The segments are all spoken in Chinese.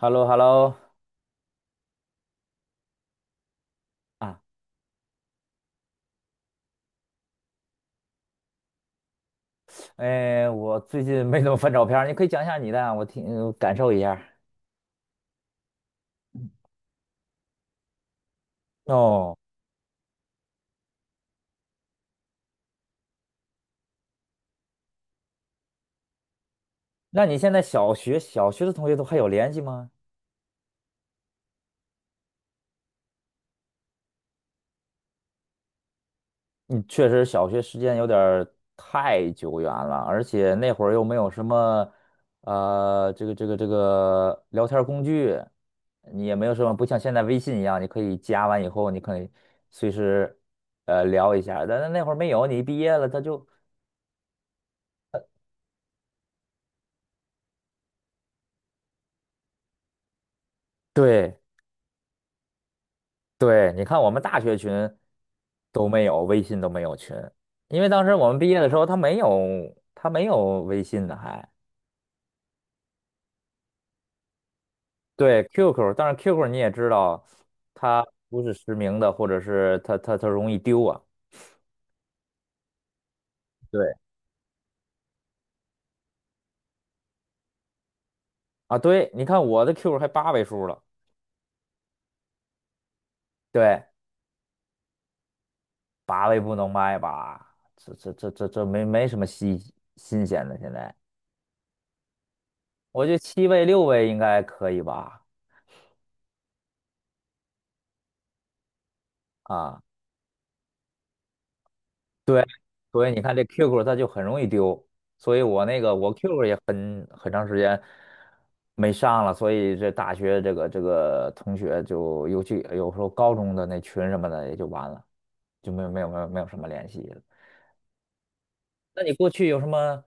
Hello hello. 啊，哎，我最近没怎么翻照片儿，你可以讲一下你的啊我听感受一下。哦，那你现在小学的同学都还有联系吗？你确实小学时间有点儿太久远了，而且那会儿又没有什么这个聊天儿工具，你也没有什么，不像现在微信一样，你可以加完以后，你可以随时聊一下，但是那会儿没有，你一毕业了他就。对。对，你看我们大学群都没有，微信都没有群，因为当时我们毕业的时候，他没有微信的还，对 QQ，但是 QQ 你也知道，它不是实名的，或者是它容易丢啊。对啊，对，你看我的 QQ 还8位数了，对，八位不能卖吧？这没什么新鲜的，现在我觉得7位6位应该可以吧？啊。所以你看这 QQ 它就很容易丢，所以我那个我 QQ 也很长时间没上了，所以这大学这个同学就尤其有时候高中的那群什么的也就完了，就没有什么联系了。那你过去有什么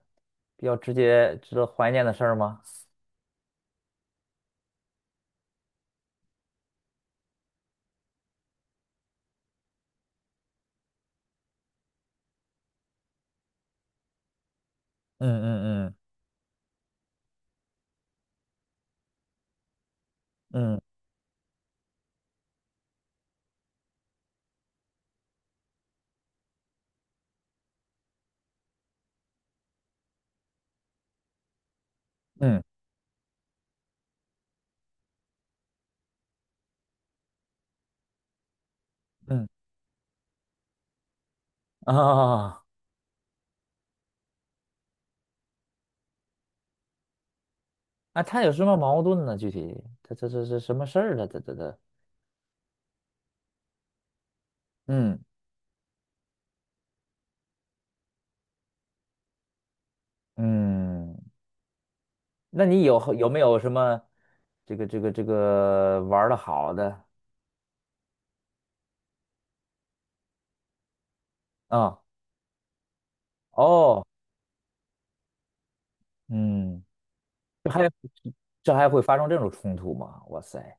比较直接值得怀念的事儿吗？嗯嗯嗯嗯嗯嗯。啊啊！他有什么矛盾呢？具体他这什么事儿呢？这这这嗯嗯。那你有没有什么这个玩的好的。啊？哦，嗯，这还这还会发生这种冲突吗？哇塞。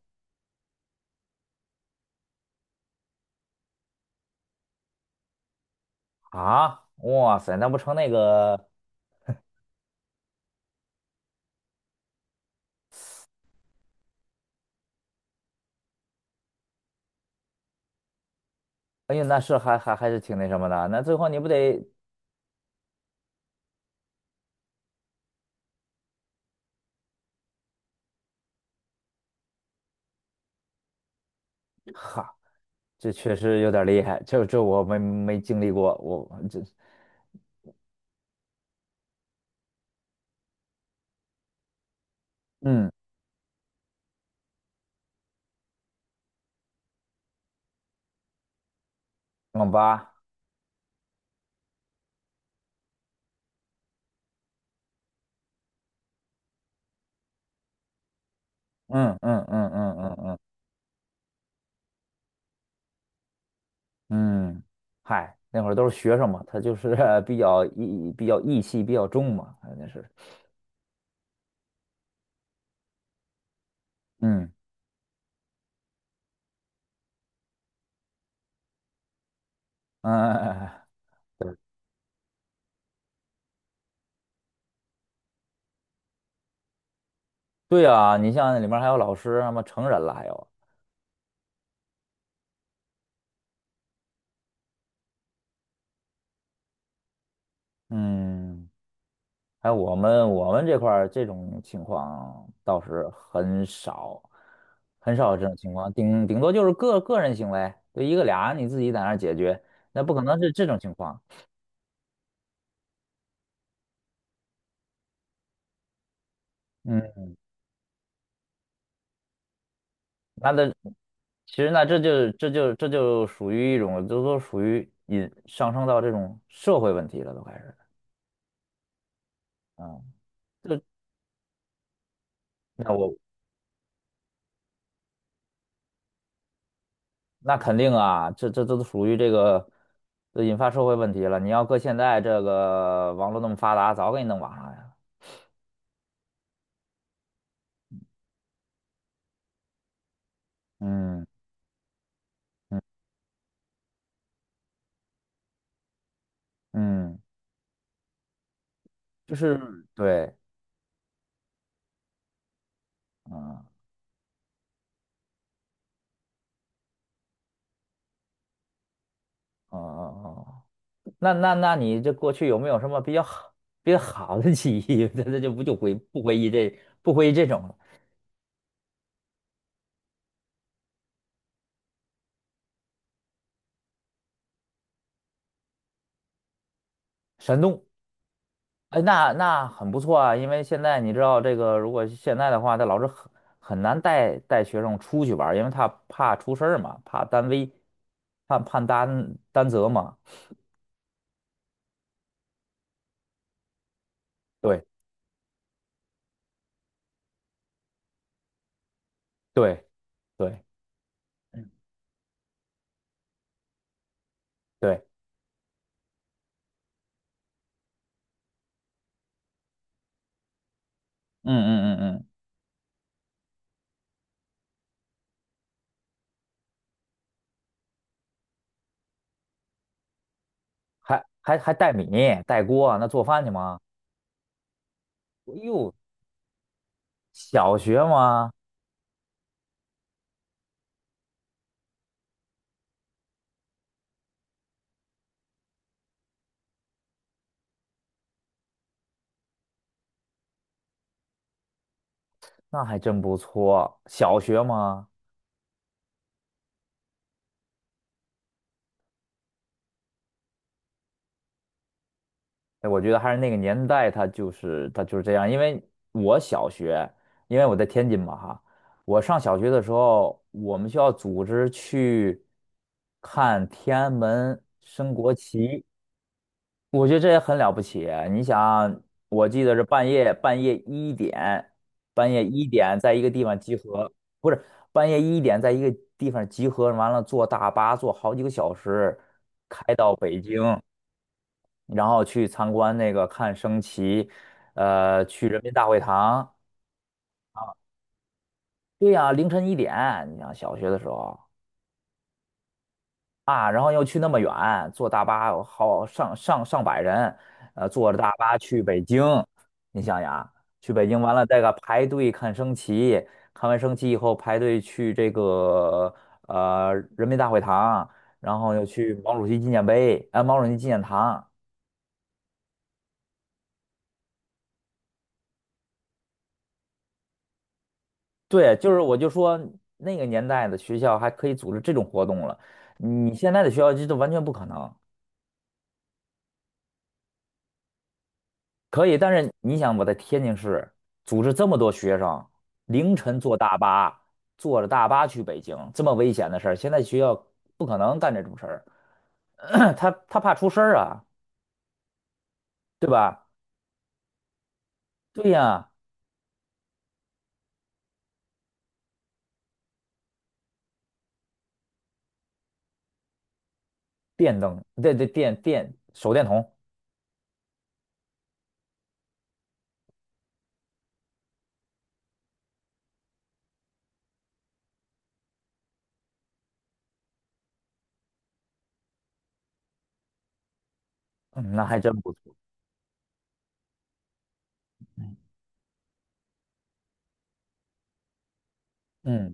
啊，哇塞，那不成那个？哎呀，那是还是挺那什么的。那最后你不得。哈？这确实有点厉害，这我没经历过，我这。嗯，网吧。嗯嗯嗯嗯嗯嗯嗯。嗨，那会儿都是学生嘛，他就是 比较义气比较重嘛，那是。嗯，哎哎哎哎，对对啊，你像里面还有老师，什么成人了，还有。嗯，还有我们这块儿这种情况倒是很少，很少有这种情况，顶多就是个人行为，就一个俩你自己在那儿解决，那不可能是这种情况。嗯，那的，其实那这就属于一种，这都属于引上升到这种社会问题了，都开始。嗯，这。那我那肯定啊，这这这都属于这个，这引发社会问题了。你要搁现在这个网络那么发达，早给你弄网上呀。嗯嗯。就是。对。嗯。哦哦哦，那那你这过去有没有什么比较好的记忆？那就不就回不回忆这不回忆这种了。山东。哎，那很不错啊，因为现在你知道这个，如果现在的话，他老师很很难带学生出去玩儿，因为他怕出事儿嘛，怕担危，怕担责嘛。对对对。嗯。对。嗯嗯嗯嗯。还带米带锅，那做饭去吗？哎呦，小学吗？那还真不错，小学吗？哎，我觉得还是那个年代，他就是这样。因为我小学，因为我在天津嘛哈，我上小学的时候，我们学校组织去看天安门升国旗，我觉得这也很了不起啊。你想，我记得是半夜一点，半夜一点在一个地方集合。不是。半夜一点在一个地方集合，完了坐大巴坐好几个小时开到北京。然后去参观那个看升旗，去人民大会堂。对呀，凌晨1点，你想小学的时候。啊，然后又去那么远，坐大巴有好上百人，坐着大巴去北京。你想想，去北京完了，再个排队看升旗，看完升旗以后排队去这个人民大会堂，然后又去毛主席纪念碑，毛主席纪念堂，对，就是我就说那个年代的学校还可以组织这种活动了，你现在的学校这都完全不可能。可以，但是你想我在天津市组织这么多学生，凌晨坐大巴，坐着大巴去北京，这么危险的事儿，现在学校不可能干这种事儿，他怕出事儿啊，对吧？对呀。电灯，对对，手电筒。嗯，那还真不错。嗯，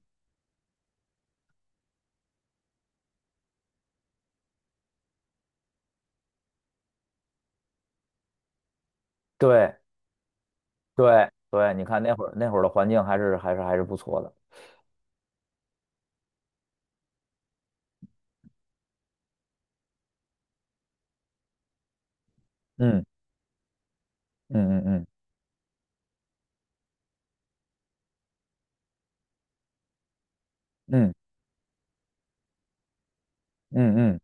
对对对，你看那会儿的环境还是不错的。嗯。嗯嗯嗯嗯嗯嗯，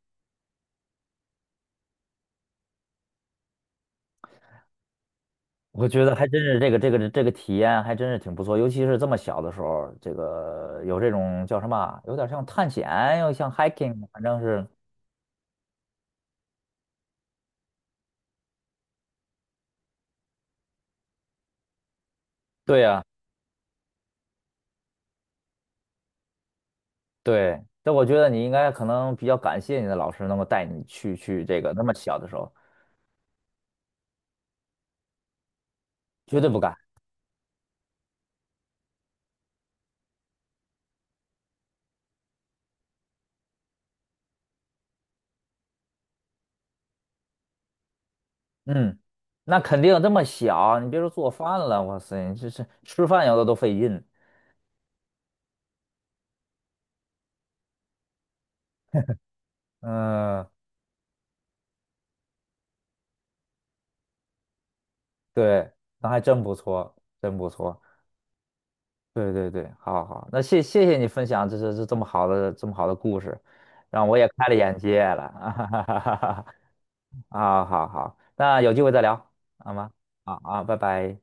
我觉得还真是这个体验还真是挺不错，尤其是这么小的时候，这个有这种叫什么啊，有点像探险，又像 hiking，反正是对呀、对。但我觉得你应该可能比较感谢你的老师能够带你去这个那么小的时候，绝对不敢。嗯，那肯定这么小，你别说做饭了，哇塞，你这是吃饭有的都费劲。嗯，对，那还真不错，真不错。对对对，好好好，那谢谢你分享这这么好的故事，让我也开了眼界了，啊，好好，那有机会再聊，好吗？好啊，拜拜。